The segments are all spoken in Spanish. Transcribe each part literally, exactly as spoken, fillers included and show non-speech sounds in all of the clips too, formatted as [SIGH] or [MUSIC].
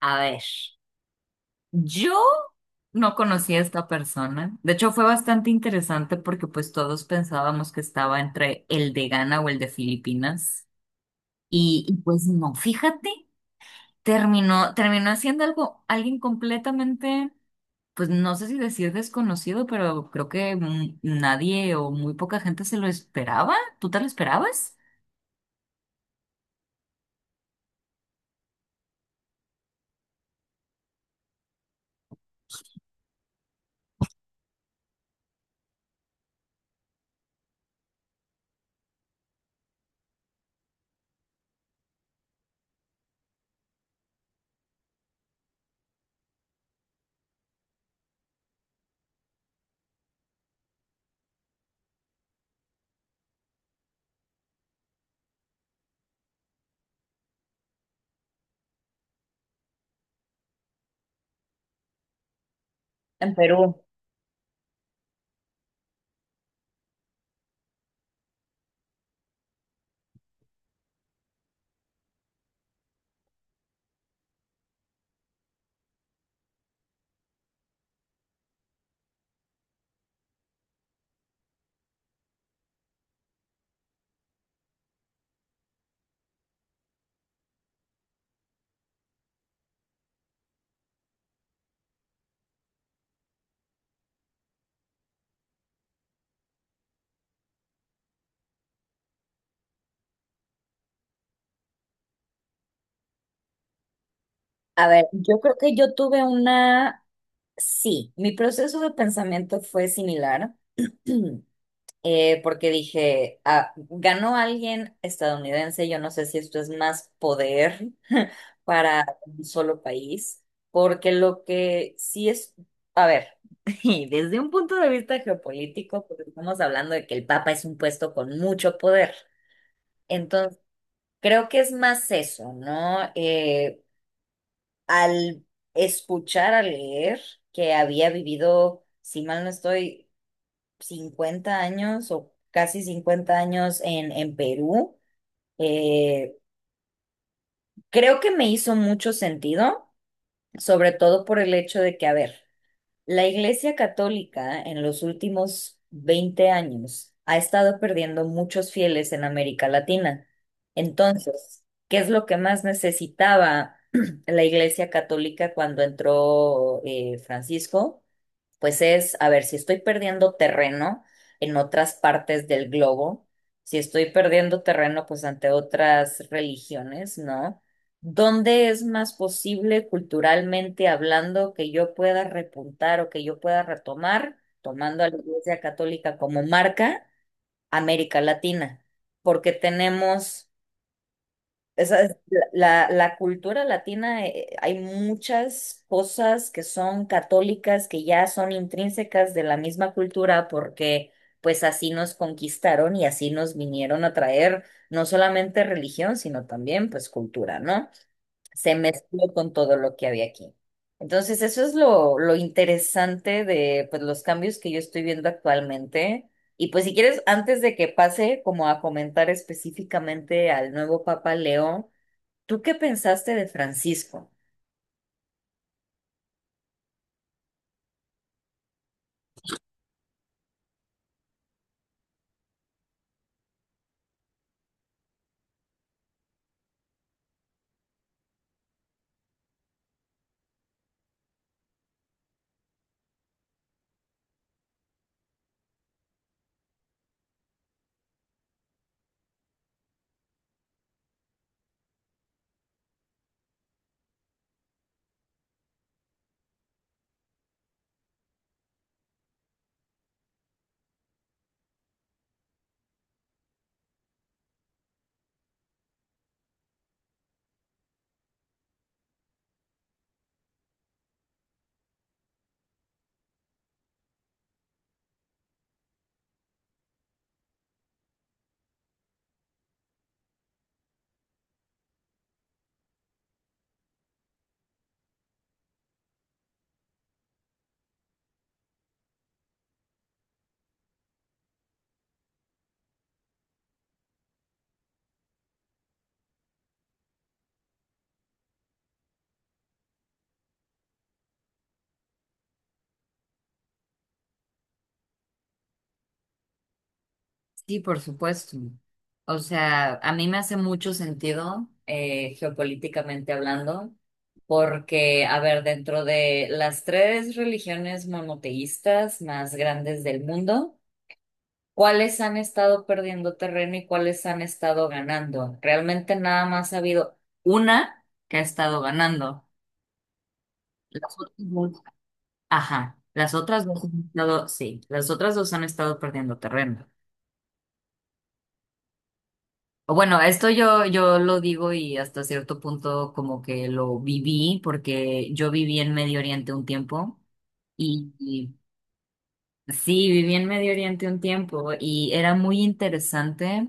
A ver, yo no conocí a esta persona. De hecho, fue bastante interesante porque pues todos pensábamos que estaba entre el de Ghana o el de Filipinas. Y, y, pues no, fíjate, terminó, terminó haciendo algo, alguien completamente, pues no sé si decir desconocido, pero creo que mm, nadie o muy poca gente se lo esperaba. ¿Tú te lo esperabas? En Perú. A ver, yo creo que yo tuve una. Sí, mi proceso de pensamiento fue similar, [CLEARS THROAT] eh, porque dije, ah, ganó alguien estadounidense, yo no sé si esto es más poder [LAUGHS] para un solo país, porque lo que sí es, a ver, [LAUGHS] y desde un punto de vista geopolítico, porque estamos hablando de que el Papa es un puesto con mucho poder, entonces creo que es más eso, ¿no? Eh, al escuchar, al leer que había vivido, si mal no estoy, cincuenta años o casi cincuenta años en, en Perú, eh, creo que me hizo mucho sentido, sobre todo por el hecho de que, a ver, la Iglesia Católica en los últimos veinte años ha estado perdiendo muchos fieles en América Latina. Entonces, ¿qué es lo que más necesitaba [CLEARS THROAT] la Iglesia Católica cuando entró eh, Francisco? Pues es, a ver, si estoy perdiendo terreno en otras partes del globo, si estoy perdiendo terreno pues ante otras religiones, ¿no? ¿Dónde es más posible culturalmente hablando que yo pueda repuntar o que yo pueda retomar, tomando a la Iglesia Católica como marca, América Latina? Porque tenemos esa es la, la cultura latina, eh, hay muchas cosas que son católicas, que ya son intrínsecas de la misma cultura, porque pues así nos conquistaron y así nos vinieron a traer no solamente religión, sino también pues cultura, ¿no? Se mezcló con todo lo que había aquí. Entonces, eso es lo, lo interesante de pues los cambios que yo estoy viendo actualmente. Y pues si quieres, antes de que pase como a comentar específicamente al nuevo Papa Leo, ¿tú qué pensaste de Francisco? Sí, por supuesto. O sea, a mí me hace mucho sentido eh, geopolíticamente hablando, porque, a ver, dentro de las tres religiones monoteístas más grandes del mundo, ¿cuáles han estado perdiendo terreno y cuáles han estado ganando? Realmente nada más ha habido una que ha estado ganando. Las otras dos, ajá, las otras dos han estado, sí, las otras dos han estado perdiendo terreno. Bueno, esto yo, yo lo digo y hasta cierto punto como que lo viví porque yo viví en Medio Oriente un tiempo y, y sí, viví en Medio Oriente un tiempo y era muy interesante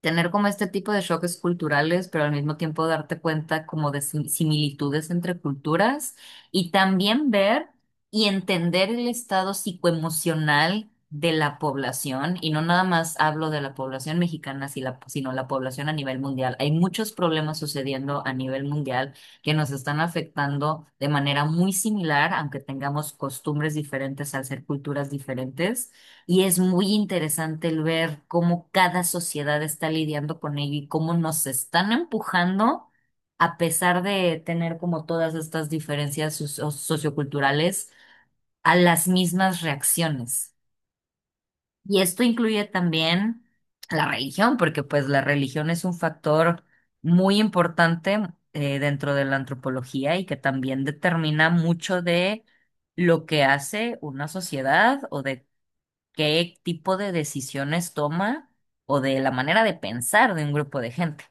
tener como este tipo de choques culturales, pero al mismo tiempo darte cuenta como de sim- similitudes entre culturas y también ver y entender el estado psicoemocional de la población. Y no nada más hablo de la población mexicana, si la- sino la población a nivel mundial. Hay muchos problemas sucediendo a nivel mundial que nos están afectando de manera muy similar, aunque tengamos costumbres diferentes al ser culturas diferentes. Y es muy interesante el ver cómo cada sociedad está lidiando con ello y cómo nos están empujando, a pesar de tener como todas estas diferencias socio- socioculturales, a las mismas reacciones. Y esto incluye también la religión, porque pues la religión es un factor muy importante eh, dentro de la antropología y que también determina mucho de lo que hace una sociedad o de qué tipo de decisiones toma o de la manera de pensar de un grupo de gente.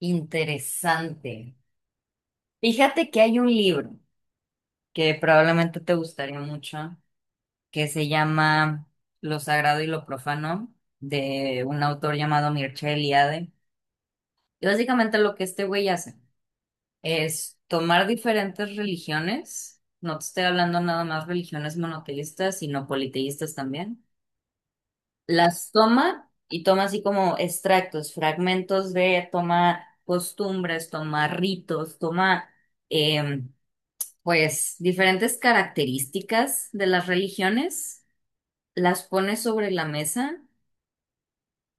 Interesante. Fíjate que hay un libro que probablemente te gustaría mucho, que se llama Lo Sagrado y lo Profano, de un autor llamado Mircea Eliade. Y básicamente lo que este güey hace es tomar diferentes religiones, no te estoy hablando nada más religiones monoteístas, sino politeístas también las toma y toma así como extractos, fragmentos de, toma costumbres, toma ritos, toma em, pues diferentes características de las religiones, las pone sobre la mesa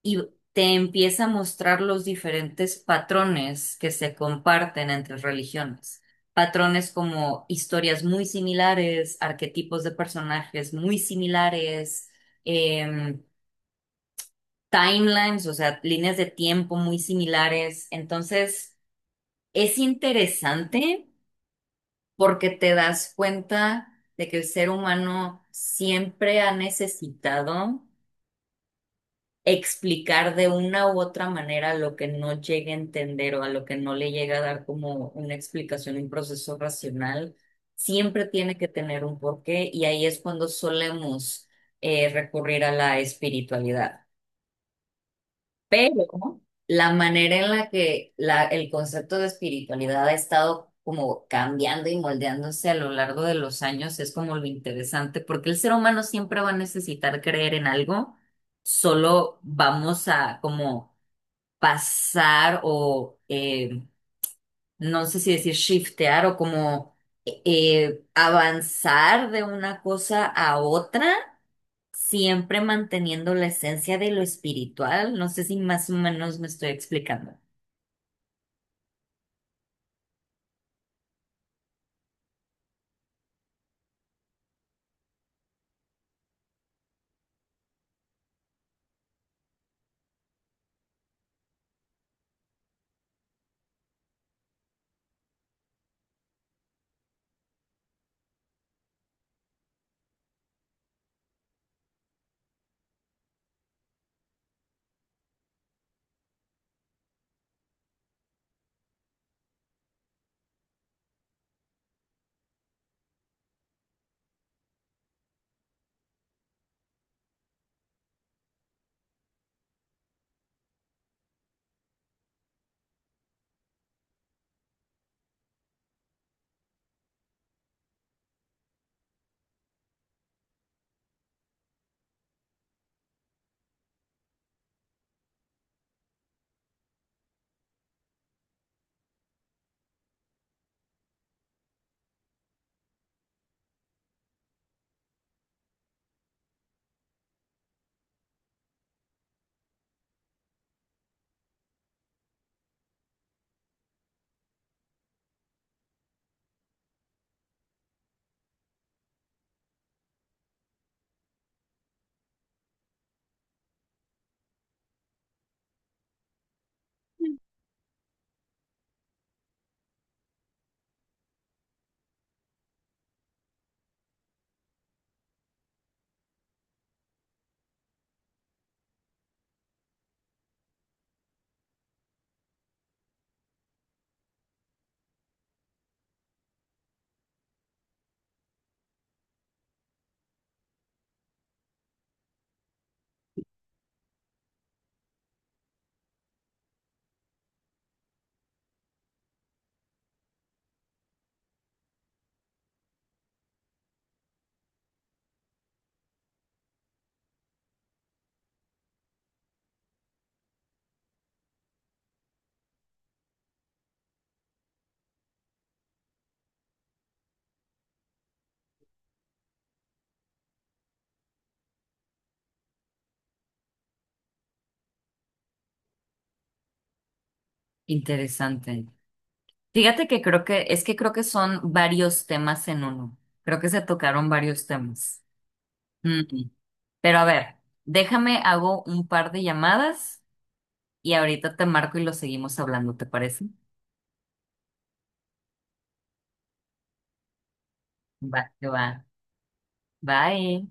y te empieza a mostrar los diferentes patrones que se comparten entre religiones. Patrones como historias muy similares, arquetipos de personajes muy similares, em, timelines, o sea, líneas de tiempo muy similares. Entonces, es interesante porque te das cuenta de que el ser humano siempre ha necesitado explicar de una u otra manera lo que no llega a entender o a lo que no le llega a dar como una explicación, un proceso racional. Siempre tiene que tener un porqué y ahí es cuando solemos eh, recurrir a la espiritualidad. Pero la manera en la que la- el concepto de espiritualidad ha estado como cambiando y moldeándose a lo largo de los años es como lo interesante, porque el ser humano siempre va a necesitar creer en algo, solo vamos a como pasar o eh, no sé si decir shiftear o como eh, avanzar de una cosa a otra siempre manteniendo la esencia de lo espiritual. No sé si más o menos me estoy explicando. Interesante. Fíjate que creo que, es que creo que son varios temas en uno. Creo que se tocaron varios temas. Mm. Pero a ver, déjame, hago un par de llamadas y ahorita te marco y lo seguimos hablando, ¿te parece? Va, que va. Bye.